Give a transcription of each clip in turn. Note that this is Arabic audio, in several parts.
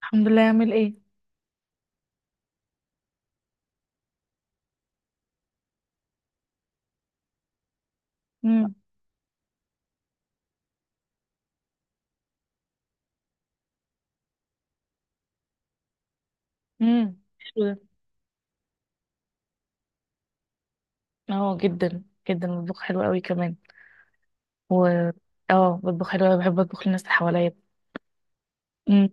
الحمد لله. يعمل ايه؟ امم حلو ده. اه، جدا. جدا بطبخ حلو قوي كمان. و اه بطبخ حلو قوي، بحب اطبخ للناس اللي حواليا. امم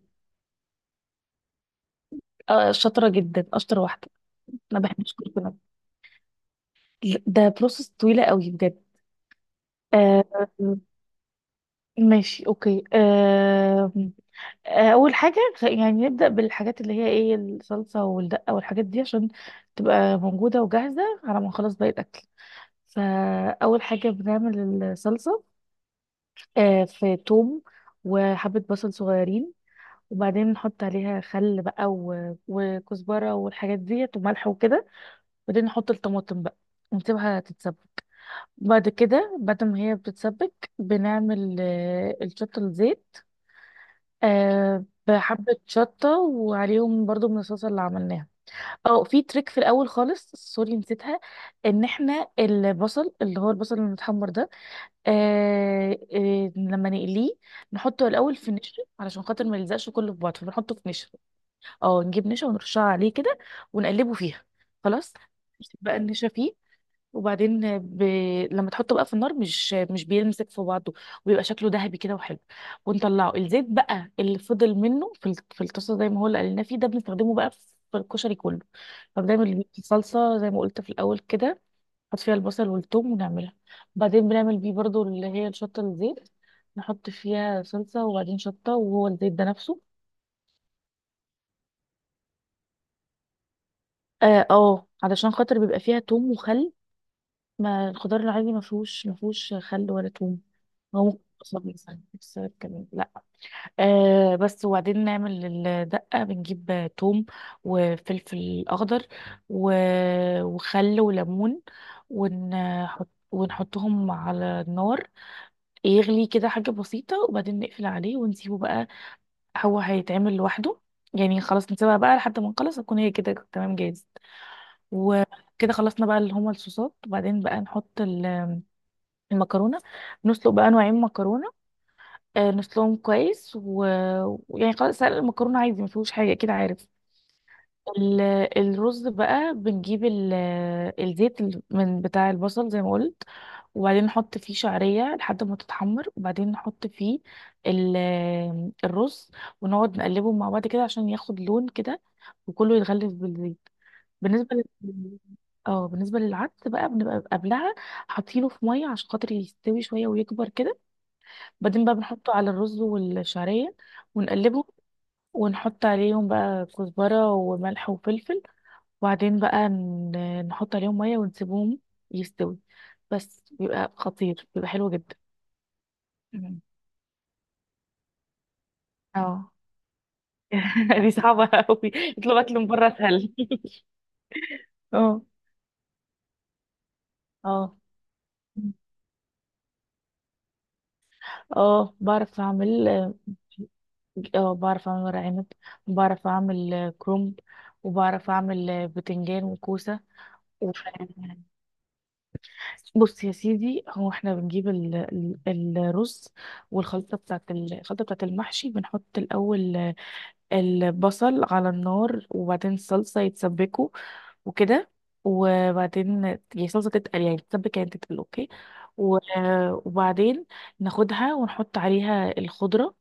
آه، شاطره جدا، اشطر واحده. ما بحبش كل كلام، ده بروسس طويله قوي بجد. آه، ماشي، اوكي، آه. اول حاجه يعني نبدا بالحاجات اللي هي ايه، الصلصه والدقه والحاجات دي، عشان تبقى موجوده وجاهزه على ما نخلص باقي الاكل. فاول حاجه بنعمل الصلصه. في توم وحبة بصل صغيرين، وبعدين نحط عليها خل بقى وكزبرة والحاجات ديت وملح وكده. وبعدين نحط الطماطم بقى ونسيبها تتسبك. بعد كده بعد ما هي بتتسبك بنعمل الشطة الزيت. بحبة شطة، وعليهم برضو من الصلصة اللي عملناها. اه، في تريك في الأول خالص، سوري نسيتها. ان احنا البصل، اللي هو البصل المتحمر ده، لما نقليه نحطه الاول في نشا، علشان خاطر ما يلزقش كله في بعض، فبنحطه في نشا. اه، نجيب نشا ونرشها عليه كده ونقلبه فيها، خلاص. نكتب بقى النشا فيه، وبعدين لما تحطه بقى في النار مش بيمسك في بعضه، وبيبقى شكله ذهبي كده وحلو. ونطلعه الزيت بقى اللي فضل منه في في الطاسه، زي ما هو، اللي قلنا فيه ده بنستخدمه بقى في الكشري كله. فبنعمل بيه صلصه زي ما قلت في الاول كده، نحط فيها البصل والثوم ونعملها. وبعدين بنعمل بيه برضو اللي هي الشطة الزيت، نحط فيها صلصة وبعدين شطة، وهو الزيت ده نفسه. اه، علشان خاطر بيبقى فيها توم وخل، ما الخضار العادي ما فيهوش خل ولا توم. هو ممكن بصل مثلا بسبب كمان، لا. بس. وبعدين نعمل الدقة، بنجيب توم وفلفل أخضر و... وخل وليمون، ونحطهم على النار. يغلي كده حاجة بسيطة وبعدين نقفل عليه ونسيبه بقى، هو هيتعمل لوحده. يعني خلاص نسيبها بقى لحد ما نخلص، هتكون هي كده تمام جاهز. وكده خلصنا بقى اللي هما الصوصات، وبعدين بقى نحط المكرونة. نسلق بقى نوعين مكرونة، نسلقهم كويس ويعني خلاص، سلق المكرونة عادي ما فيهوش حاجة كده، عارف. ال- الرز بقى بنجيب الزيت من بتاع البصل زي ما قلت، وبعدين نحط فيه شعرية لحد ما تتحمر، وبعدين نحط فيه ال- الرز، ونقعد نقلبه مع بعض كده عشان ياخد لون كده وكله يتغلف بالزيت. بالنسبة لل... اه بالنسبة للعدس بقى، بنبقى قبلها حاطينه في مية عشان خاطر يستوي شوية ويكبر كده، بعدين بقى بنحطه على الرز والشعرية ونقلبه، ونحط عليهم بقى كزبرة وملح وفلفل، وبعدين بقى نحط عليهم ميه ونسيبهم يستوي. بس بيبقى خطير، بيبقى حلو جدا. مم. اه. دي صعبة قوي، اطلب اكل من بره اسهل. اه. اه اه، بعرف اعمل. اه، بعرف اعمل ورق عنب، وبعرف اعمل كرومب، وبعرف اعمل بتنجان وكوسة. و- بص يا سيدي، هو احنا بنجيب الرز، والخلطة بتاعت ال- الخلطة بتاعت المحشي. بنحط الأول البصل على النار، وبعدين الصلصة يتسبكوا وكده، وبعدين يعني الصلصة تتقل، يعني تتسبك، يعني تتقل، اوكي. و- وبعدين ناخدها ونحط عليها الخضرة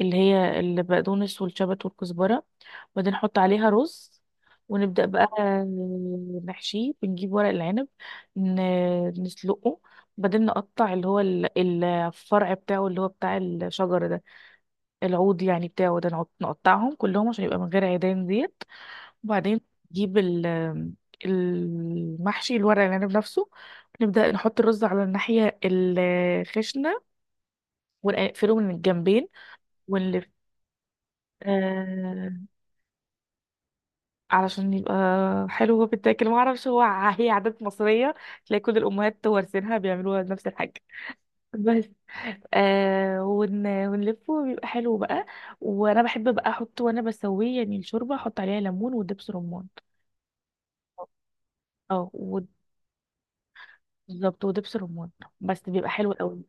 اللي هي البقدونس والشبت والكزبرة، وبعدين نحط عليها رز، ونبدأ بقى نحشيه. بنجيب ورق العنب، نسلقه، وبعدين نقطع اللي هو الفرع بتاعه اللي هو بتاع الشجر ده، العود يعني بتاعه ده، نقطعهم كلهم عشان يبقى من غير عيدان ديت. وبعدين نجيب المحشي، الورق العنب نفسه، نبدأ نحط الرز على الناحية الخشنة ونقفله من الجنبين ونلف. آه علشان يبقى حلو وبيتاكل، ما اعرفش، هو هي عادات مصرية، تلاقي كل الأمهات وارثينها بيعملوها نفس الحاجة. بس ونلفه، بيبقى حلو بقى. وانا بحب بقى احط وانا بسويه، يعني الشوربه احط عليها ليمون ودبس رمان. اه، بالظبط، ودبس رمان، بس بيبقى حلو قوي.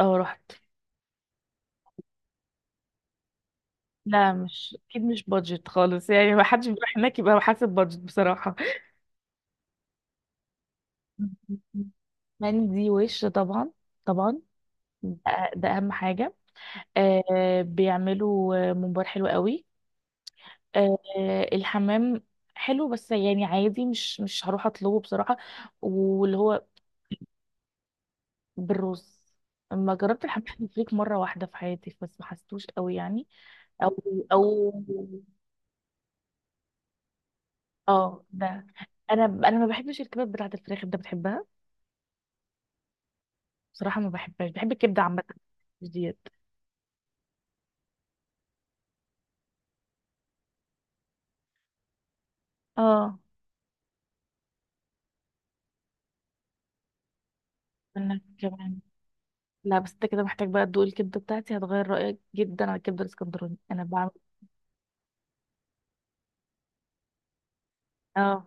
اه، رحت. لا، مش اكيد مش بادجت خالص، يعني ما حدش بيروح هناك يبقى حاسب بادجت بصراحه. مندي وش طبعا. طبعا. ده اهم حاجه. بيعملوا ممبار حلو قوي. آه، الحمام حلو، بس يعني عادي، مش هروح اطلبه بصراحة. واللي هو بالرز. لما جربت الحمام الفريك مرة واحدة في حياتي، بس ما حسيتوش قوي يعني. او او اه، ده. انا ما بحبش الكباب بتاعة الفراخ، انت بتحبها؟ بصراحة ما بحبهاش، بحب الكبدة عامة، مش ديت. اه، انا كمان. لا بس انت كده محتاج بقى تدوق الكبدة بتاعتي، هتغير رأيك جدا على الكبدة الاسكندراني، انا بعمل. اه،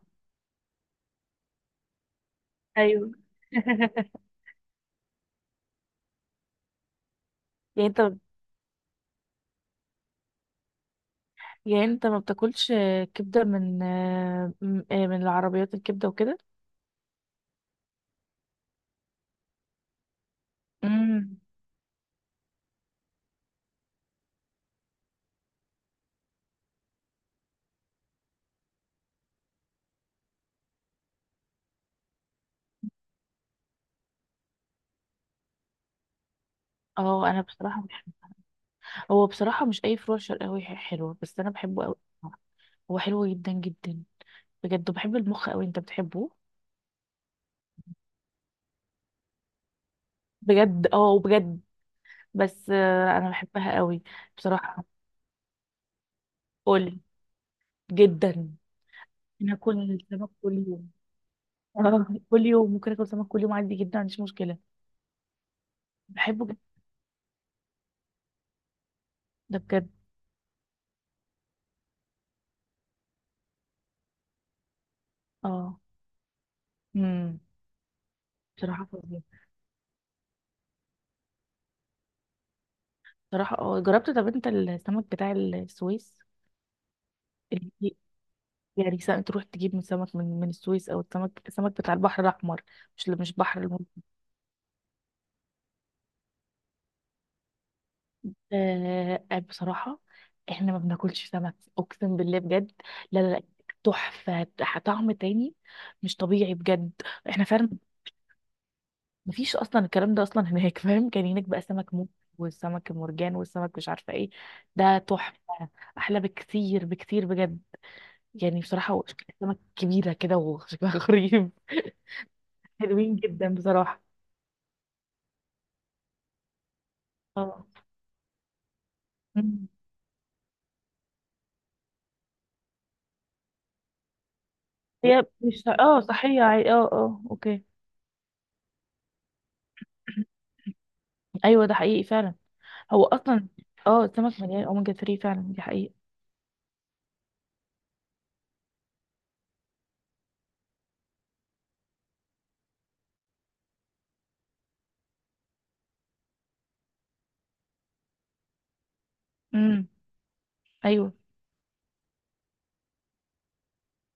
ايوه. يعني انت يعني انت ما بتاكلش كبدة من من العربيات، الكبدة وكده. امم اه، انا بصراحة بحب. هو بصراحة مش اي فروع شرقاوي حلوة، بس انا بحبه قوي. هو حلو جدا جدا بجد، وبحب المخ قوي، انت بتحبه؟ بجد، اه، بجد. بس انا بحبها قوي. بصراحة، قول. جدا. انا اكل سمك كل يوم. اه، كل يوم ممكن اكل سمك كل يوم عادي جدا، ما عنديش مشكلة. بحبه جدا، ده بجد. اه. امم بصراحة فظيع. صراحة اه، جربت. طب انت السمك بتاع السويس، اللي- يعني سمك تروح تجيب من سمك من السويس، او السمك بتاع البحر الاحمر، مش بحر المتوسط. بصراحة احنا ما بناكلش سمك، اقسم بالله بجد. لا لا لا، تحفة، طعم تاني، مش طبيعي بجد. احنا فعلا مفيش اصلا الكلام ده اصلا هناك. فاهم؟ كان هناك بقى سمك موت، والسمك المرجان، والسمك مش عارفة ايه، ده تحفة. احلى بكتير بكتير بجد. يعني بصراحة هو شكل سمك كبيرة كده وشكلها غريب، حلوين جدا بصراحة. اه. مم. هي مش صحية عادي، اه اه، اوكي. ايوه، ده حقيقي فعلا. هو اصلا، اه السمك مليان اوميجا 3 فعلا، دي حقيقة. امم ايوه،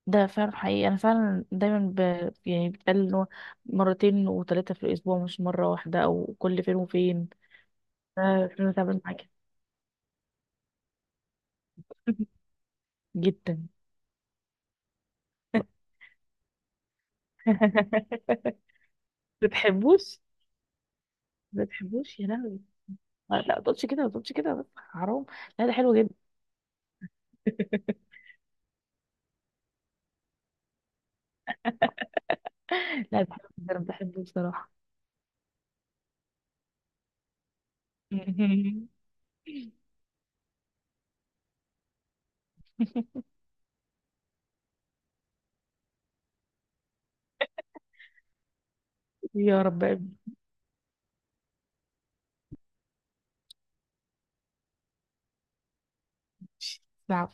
ده فعلا حقيقي، انا فعلا دايما يعني بتقال ان هو مرتين وثلاثة في الاسبوع، مش مرة واحدة او كل فين وفين. انا تعبان معاك. جدا. بتحبوش؟ بتحبوش يا لهوي! لا، ما تقولش كده، ما تقولش كده، بس حرام. لا، ده حلو جدا. لا، ده حلو جدا، أنا بحبه بصراحة. يا رب. ماشي. نعم.